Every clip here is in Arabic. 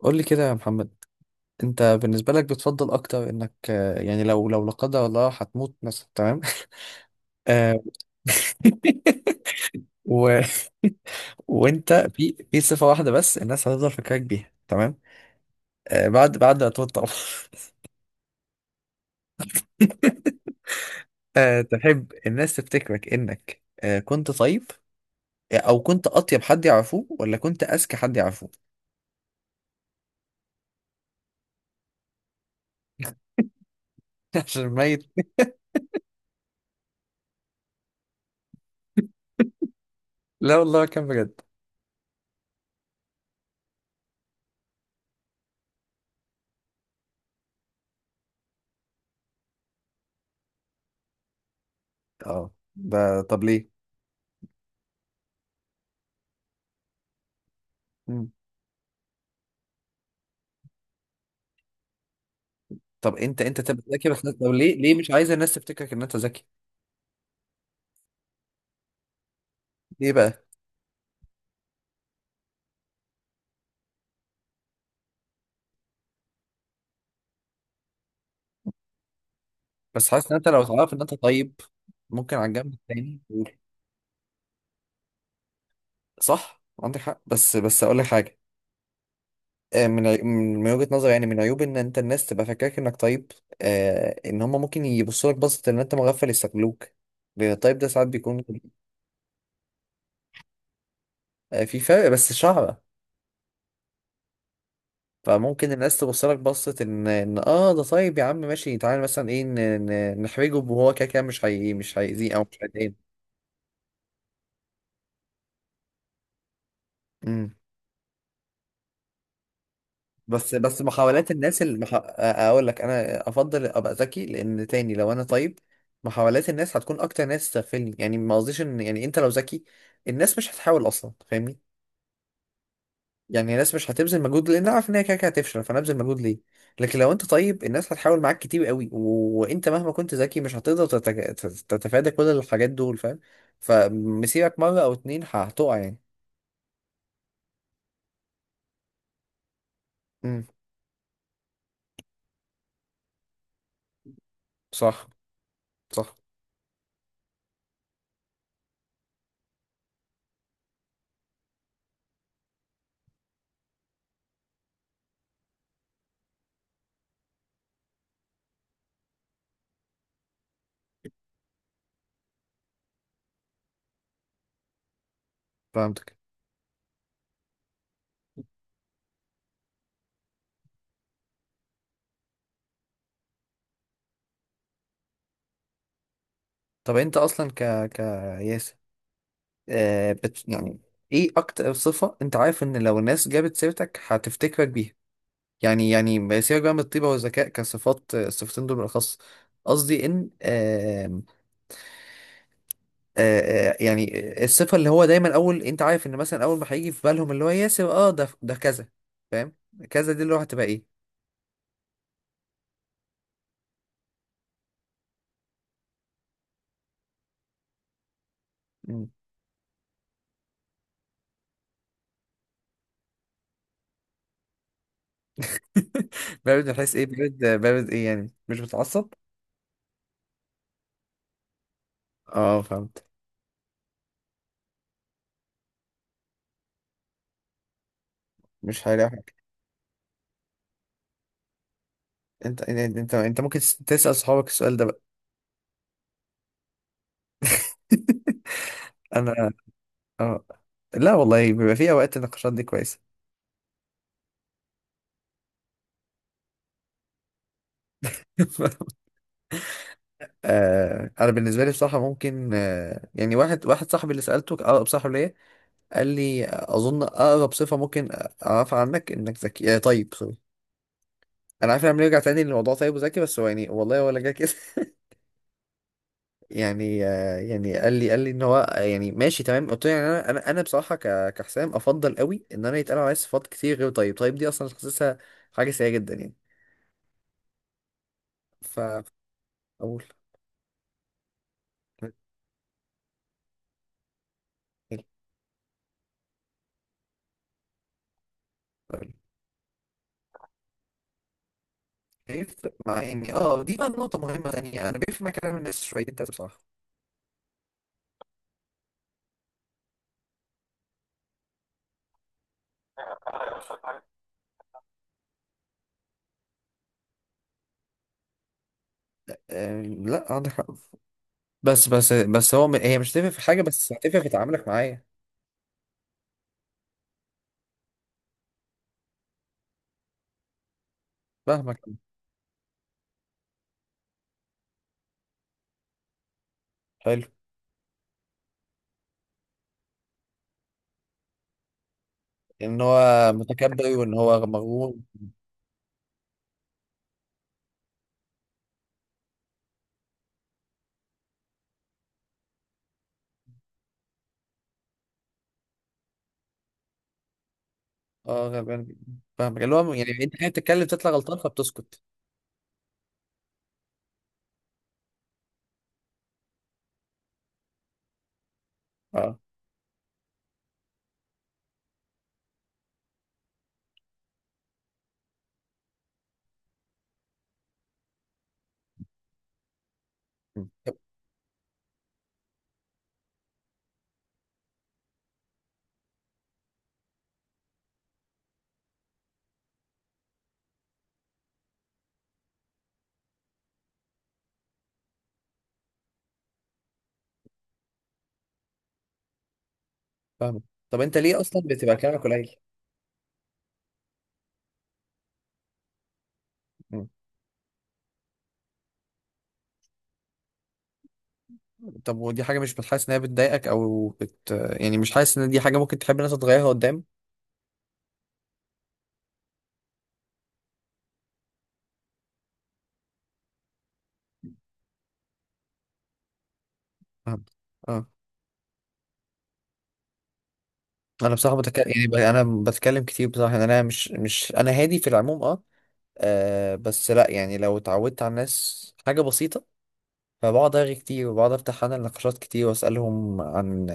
قول لي كده يا محمد. انت بالنسبه لك بتفضل اكتر انك يعني لو لا قدر الله هتموت مثلا، تمام؟ آه، و... وانت في صفه واحده بس الناس هتفضل فاكراك بيها، تمام؟ بعد ما تموت طبعا. تحب الناس تفتكرك انك كنت طيب، او كنت اطيب حد يعرفوه، ولا كنت اذكى حد يعرفوه؟ عشان ميت. لا والله كان بجد. اه، ده طب ليه؟ مم. طب انت تبقى ذكي، بس طب ليه مش عايز الناس تفتكرك ان انت ذكي؟ ليه بقى؟ بس حاسس ان انت لو تعرف ان انت طيب، ممكن على الجنب التاني تقول. صح، عندك حق، بس اقول لك حاجه. من وجهه نظري، يعني من عيوب ان انت الناس تبقى فاكراك انك طيب، ان هم ممكن يبصوا لك بصه ان انت مغفل يستغلوك، لان الطيب ده ساعات بيكون. في فرق بس شعره. فممكن الناس تبص لك بصه ان اه ده طيب يا عم، ماشي، تعالى مثلا ايه، نحرجه، وهو كده كده مش هي مش هيأذيه او مش هيضايقنا. بس محاولات الناس اللي اقول لك، انا افضل ابقى ذكي، لان تاني لو انا طيب محاولات الناس هتكون اكتر، ناس تغفلني. يعني ما قصديش ان، يعني انت لو ذكي الناس مش هتحاول اصلا، فاهمني؟ يعني الناس مش هتبذل مجهود لان عارف ان هي كده كده هتفشل، فنبذل مجهود ليه؟ لكن لو انت طيب الناس هتحاول معاك كتير قوي، وانت مهما كنت ذكي مش هتقدر تتفادى كل الحاجات دول، فاهم؟ فمسيرك مره او اتنين هتقع يعني. امم. صح. صح. فهمتك. طب انت اصلا، ك ك ياسر، آه بت يعني، ايه اكتر صفة انت عارف ان لو الناس جابت سيرتك هتفتكرك بيها؟ يعني ما سيبك بقى من الطيبة والذكاء كصفات، الصفتين دول بالاخص. قصدي ان آم، آه آه، يعني الصفة اللي هو دايما اول، انت عارف ان مثلا اول ما هيجي في بالهم اللي هو ياسر، اه ده كذا، فاهم؟ كذا دي اللي هو هتبقى ايه؟ مم. بارد؟ من حيث ايه، بارد؟ ايه يعني، مش بتعصب؟ اه، فهمت. مش هيلاقي حاجة. انت انت انت أنت ممكن تسأل صحابك السؤال ده بقى؟ انا. اه. لا والله بيبقى في اوقات النقاشات دي كويسه. آه، انا بالنسبه لي بصراحه ممكن واحد صاحبي، اللي سالته اقرب صاحب ليا، قال لي اظن اقرب صفه ممكن اعرفها عنك انك ذكي. آه، طيب، سوري. انا عارف انه بيرجع تاني لموضوع طيب وذكي، بس هو يعني والله ولا جه كده. يعني قال لي ان هو يعني ماشي تمام، قلت له يعني انا بصراحه كحسام افضل قوي ان انا يتقال عليا صفات كتير غير طيب، طيب دي اصلا حاسسها حاجه سيئه جدا يعني. ف اقول بيفرق مع اني، اه، دي بقى نقطة مهمة تانية، انا بيفرق مع كلام الناس شوية ده بصراحة. لا عندك حق. بس هو هي مش هتفرق في حاجة، بس هتفرق في تعاملك معايا. فاهمك. حلو. ان هو متكبر وان هو مغرور. اه، غلبان جداً. فاهمك، اللي هو يعني انت قاعد بتتكلم تطلع غلطان فبتسكت. اه. م. طب، فاهمك. طب انت ليه اصلا بتبقى كلامك قليل؟ م. طب ودي حاجة مش بتحس انها بتضايقك او يعني مش حاسس ان دي حاجة ممكن تحب الناس تغيرها قدام؟ فهمت. انا بصراحه بتكلم يعني، انا بتكلم كتير بصراحه، يعني انا مش مش انا هادي في العموم، اه. بس لا يعني لو اتعودت على الناس حاجه بسيطه، فبقعد ارغي كتير، وبقعد افتح انا نقاشات كتير واسالهم عن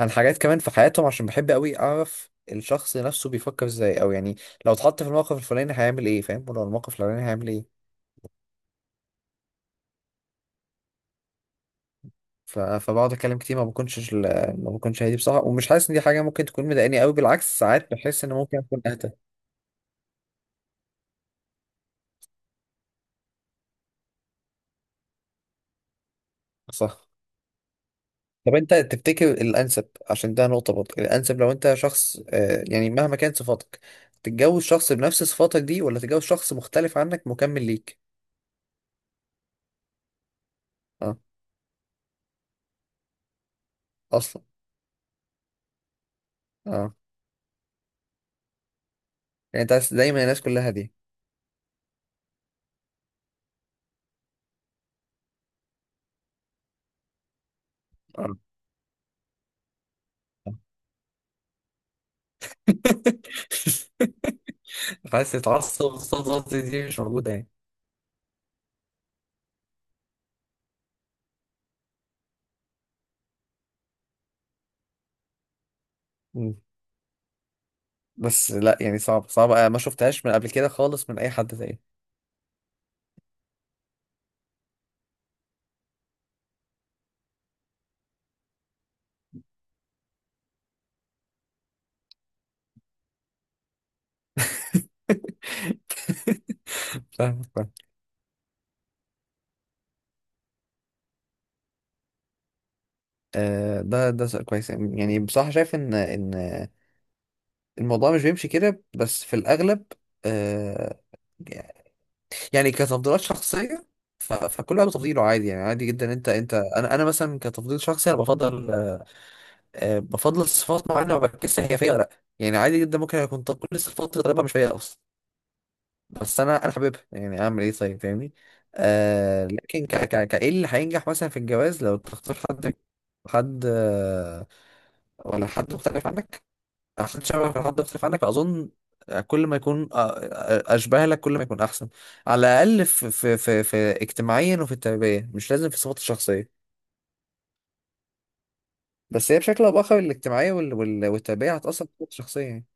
عن حاجات كمان في حياتهم، عشان بحب قوي اعرف الشخص نفسه بيفكر ازاي، او يعني لو اتحط في الموقف الفلاني هيعمل ايه فاهم، ولو الموقف الفلاني هيعمل ايه. فبقعد اتكلم كتير، ما بكونش هادي بصراحه، ومش حاسس ان دي حاجه ممكن تكون مضايقاني قوي، بالعكس ساعات بحس ان ممكن اكون اهدى. صح. طب انت تفتكر الانسب، عشان ده نقطه برضه، الانسب لو انت شخص يعني مهما كانت صفاتك، تتجوز شخص بنفس صفاتك دي ولا تتجوز شخص مختلف عنك مكمل ليك؟ اه. اصلا. اه. يعني انت دايما الناس كلها دي؟ اه. عايز تتعصب، الصفات دي مش موجوده يعني؟ مم. بس لا يعني، صعب صعب ما شفتهاش من قبل كده خالص من اي حد تاني. فاهمك، فاهم. آه، ده سؤال كويس، يعني بصراحة شايف ان الموضوع مش بيمشي كده بس في الأغلب. آه، يعني كتفضيلات شخصية. فكل واحد بتفضيله عادي، يعني عادي جدا، انت انا مثلا، كتفضيل شخصي انا بفضل بفضل الصفات معينة، ما بركزش هي فيا ولا لا. يعني عادي جدا ممكن اكون، طب كل الصفات اللي طالبها مش فيا اصلا، بس انا حاببها، يعني اعمل ايه طيب، فاهمني؟ آه، لكن ك ك ك ايه اللي هينجح مثلا في الجواز؟ لو تختار حد، حد آه، ولا حد مختلف عنك؟ عشان شبهك لحد يختلف عنك، فاظن كل ما يكون اشبه لك كل ما يكون احسن. على الاقل في اجتماعيا وفي التربيه، مش لازم في صفات الشخصيه. بس هي بشكل او باخر الاجتماعيه والتربيه هتاثر في صفات الشخصيه يعني.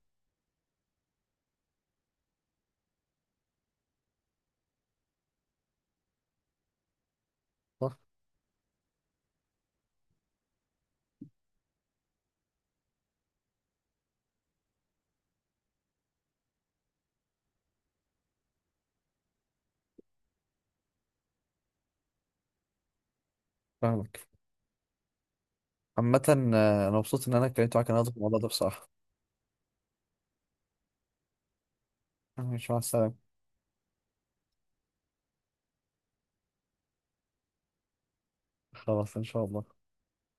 صح. فاهمك. عامه، انا مبسوط ان انا اتكلمت معاك النهارده في الموضوع ده بصراحه. مش مع السلامه. خلاص، ان شاء الله.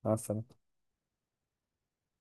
مع السلامه.